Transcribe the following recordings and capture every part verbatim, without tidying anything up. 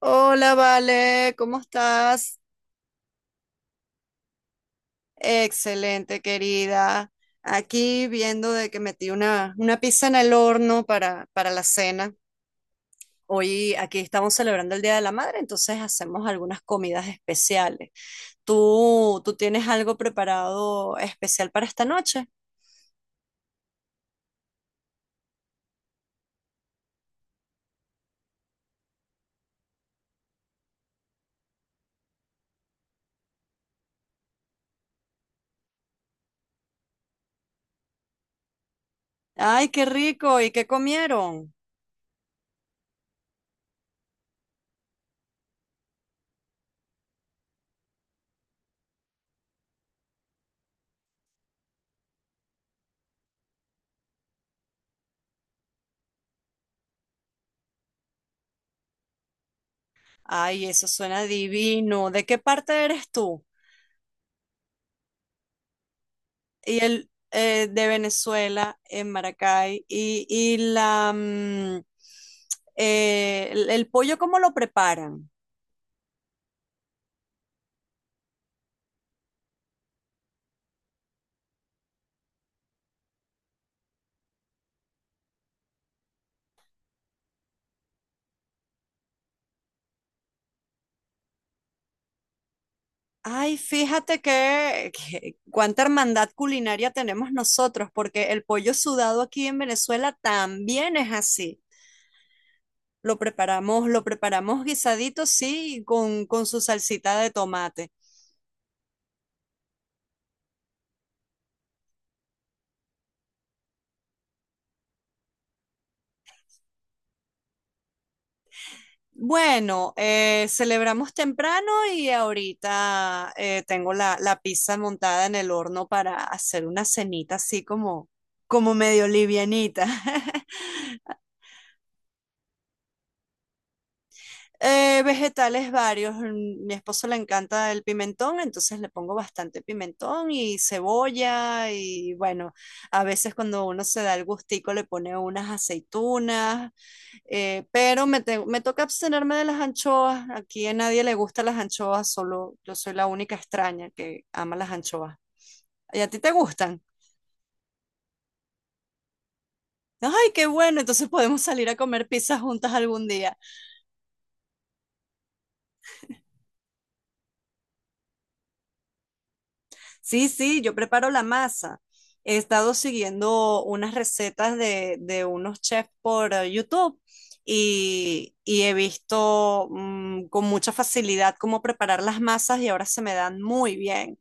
Hola, Vale, ¿cómo estás? Excelente, querida. Aquí viendo de que metí una, una pizza en el horno para, para la cena. Hoy aquí estamos celebrando el Día de la Madre, entonces hacemos algunas comidas especiales. ¿Tú, tú tienes algo preparado especial para esta noche? Ay, qué rico. ¿Y qué comieron? Ay, eso suena divino. ¿De qué parte eres tú? Y el eh, de Venezuela en Maracay y, y la mm, eh, el, el pollo cómo lo preparan. Ay, fíjate que, que cuánta hermandad culinaria tenemos nosotros, porque el pollo sudado aquí en Venezuela también es así. Lo preparamos, lo preparamos guisadito, sí, con, con su salsita de tomate. Bueno, eh, celebramos temprano y ahorita eh, tengo la, la pizza montada en el horno para hacer una cenita así como, como medio livianita. Eh, vegetales varios. mm, Mi esposo le encanta el pimentón, entonces le pongo bastante pimentón y cebolla y bueno, a veces cuando uno se da el gustico le pone unas aceitunas, eh, pero me, te- me toca abstenerme de las anchoas. Aquí a nadie le gustan las anchoas, solo yo soy la única extraña que ama las anchoas. ¿Y a ti te gustan? Ay, qué bueno, entonces podemos salir a comer pizza juntas algún día. Sí, sí, yo preparo la masa. He estado siguiendo unas recetas de, de unos chefs por eh, YouTube y, y he visto mm, con mucha facilidad cómo preparar las masas y ahora se me dan muy bien.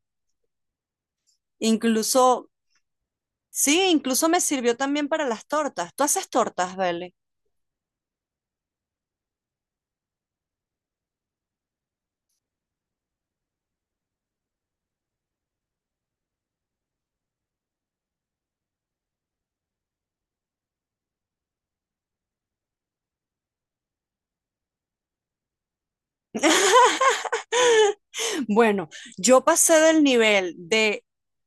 Incluso, sí, incluso me sirvió también para las tortas. ¿Tú haces tortas, Bele? Bueno, yo pasé del nivel de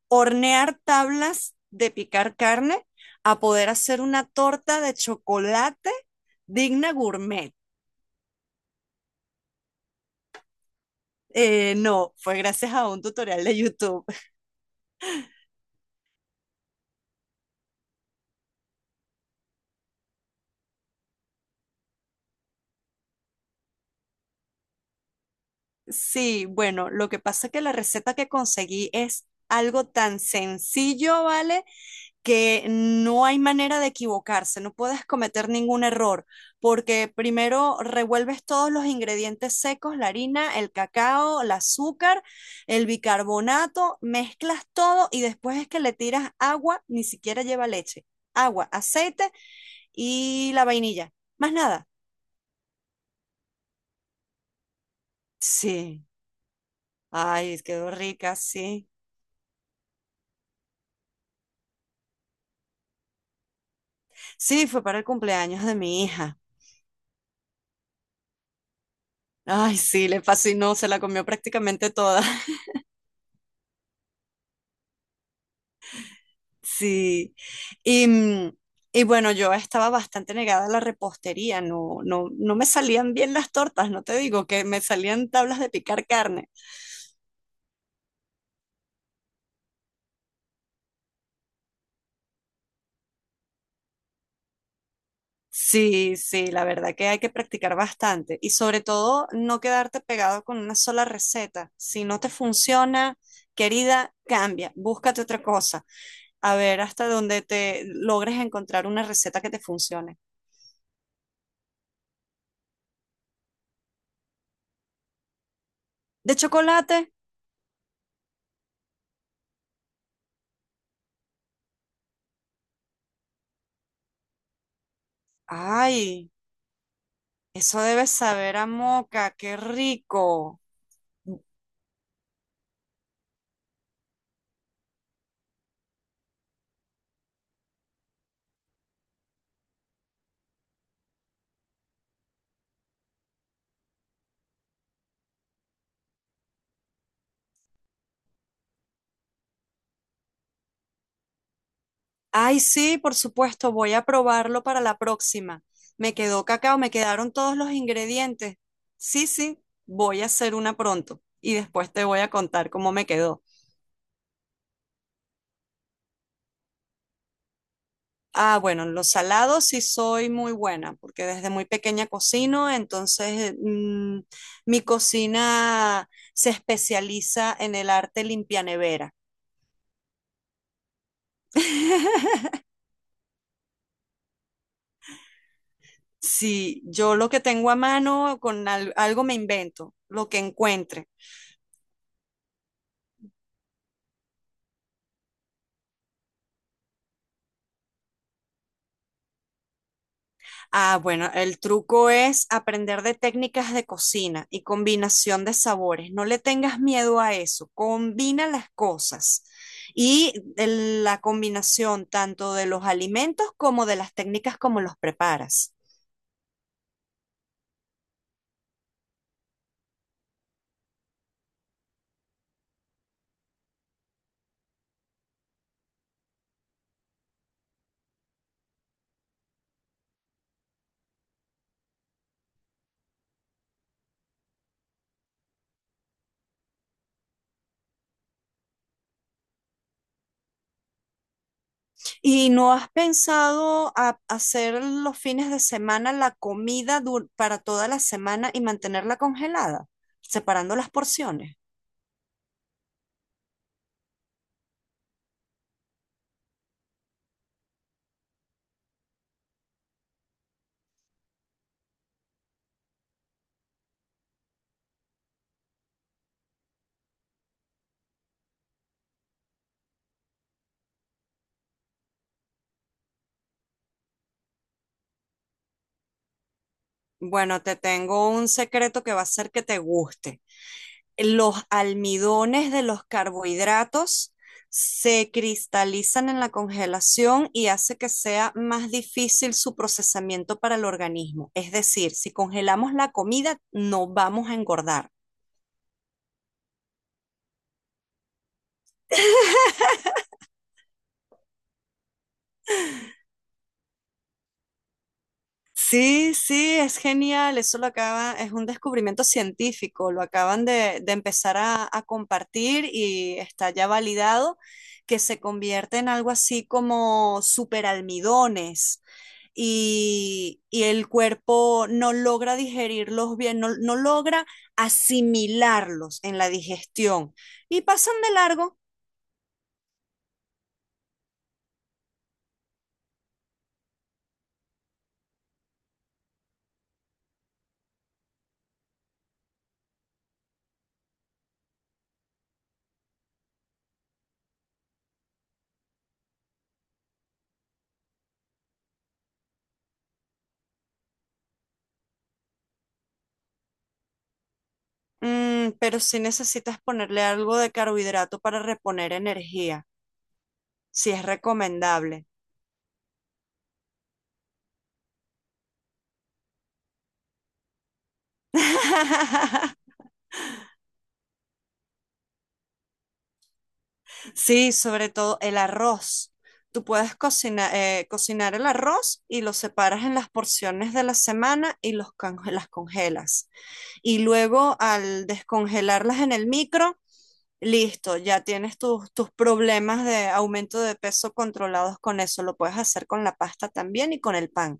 hornear tablas de picar carne a poder hacer una torta de chocolate digna gourmet. Eh, no, fue gracias a un tutorial de YouTube. Sí, bueno, lo que pasa es que la receta que conseguí es algo tan sencillo, ¿vale? Que no hay manera de equivocarse, no puedes cometer ningún error, porque primero revuelves todos los ingredientes secos, la harina, el cacao, el azúcar, el bicarbonato, mezclas todo y después es que le tiras agua, ni siquiera lleva leche, agua, aceite y la vainilla, más nada. Sí, ay, quedó rica, sí. Sí, fue para el cumpleaños de mi hija. Ay, sí, le fascinó, se la comió prácticamente toda. Sí, y, mm, y bueno, yo estaba bastante negada a la repostería, no, no, no me salían bien las tortas, no te digo que me salían tablas de picar carne. Sí, sí, la verdad que hay que practicar bastante y sobre todo no quedarte pegado con una sola receta. Si no te funciona, querida, cambia, búscate otra cosa, a ver hasta dónde te logres encontrar una receta que te funcione. ¿De chocolate? Ay. Eso debe saber a moca, qué rico. Ay, sí, por supuesto, voy a probarlo para la próxima. Me quedó cacao, me quedaron todos los ingredientes. Sí, sí, voy a hacer una pronto y después te voy a contar cómo me quedó. Ah, bueno, en los salados sí soy muy buena, porque desde muy pequeña cocino, entonces mm, mi cocina se especializa en el arte limpianevera. Sí, yo lo que tengo a mano, con al- algo me invento, lo que encuentre. Ah, bueno, el truco es aprender de técnicas de cocina y combinación de sabores. No le tengas miedo a eso, combina las cosas. Y el- la combinación tanto de los alimentos como de las técnicas como los preparas. ¿Y no has pensado a- hacer los fines de semana la comida dur- para toda la semana y mantenerla congelada, separando las porciones? Bueno, te tengo un secreto que va a hacer que te guste. Los almidones de los carbohidratos se cristalizan en la congelación y hace que sea más difícil su procesamiento para el organismo. Es decir, si congelamos la comida, no vamos a engordar. Sí, sí, es genial. Eso lo acaba, es un descubrimiento científico. Lo acaban de, de empezar a, a compartir y está ya validado que se convierte en algo así como superalmidones y, y el cuerpo no logra digerirlos bien, no, no logra asimilarlos en la digestión y pasan de largo. Mm, pero si necesitas ponerle algo de carbohidrato para reponer energía. Sí es recomendable. Sí, sobre todo el arroz. Tú puedes cocinar, cocinar el arroz y lo separas en las porciones de la semana y los conge- las congelas. Y luego al descongelarlas en el micro, listo, ya tienes tus, tus problemas de aumento de peso controlados con eso. Lo puedes hacer con la pasta también y con el pan.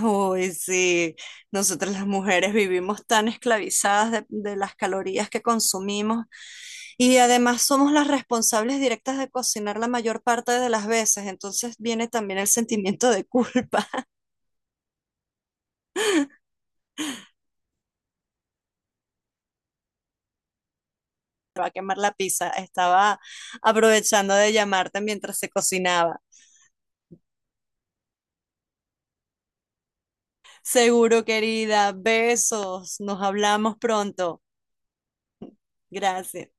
Uy, sí, nosotras las mujeres vivimos tan esclavizadas de, de las calorías que consumimos y además somos las responsables directas de cocinar la mayor parte de las veces, entonces viene también el sentimiento de culpa. Va a quemar la pizza, estaba aprovechando de llamarte mientras se cocinaba. Seguro, querida, besos, nos hablamos pronto. Gracias.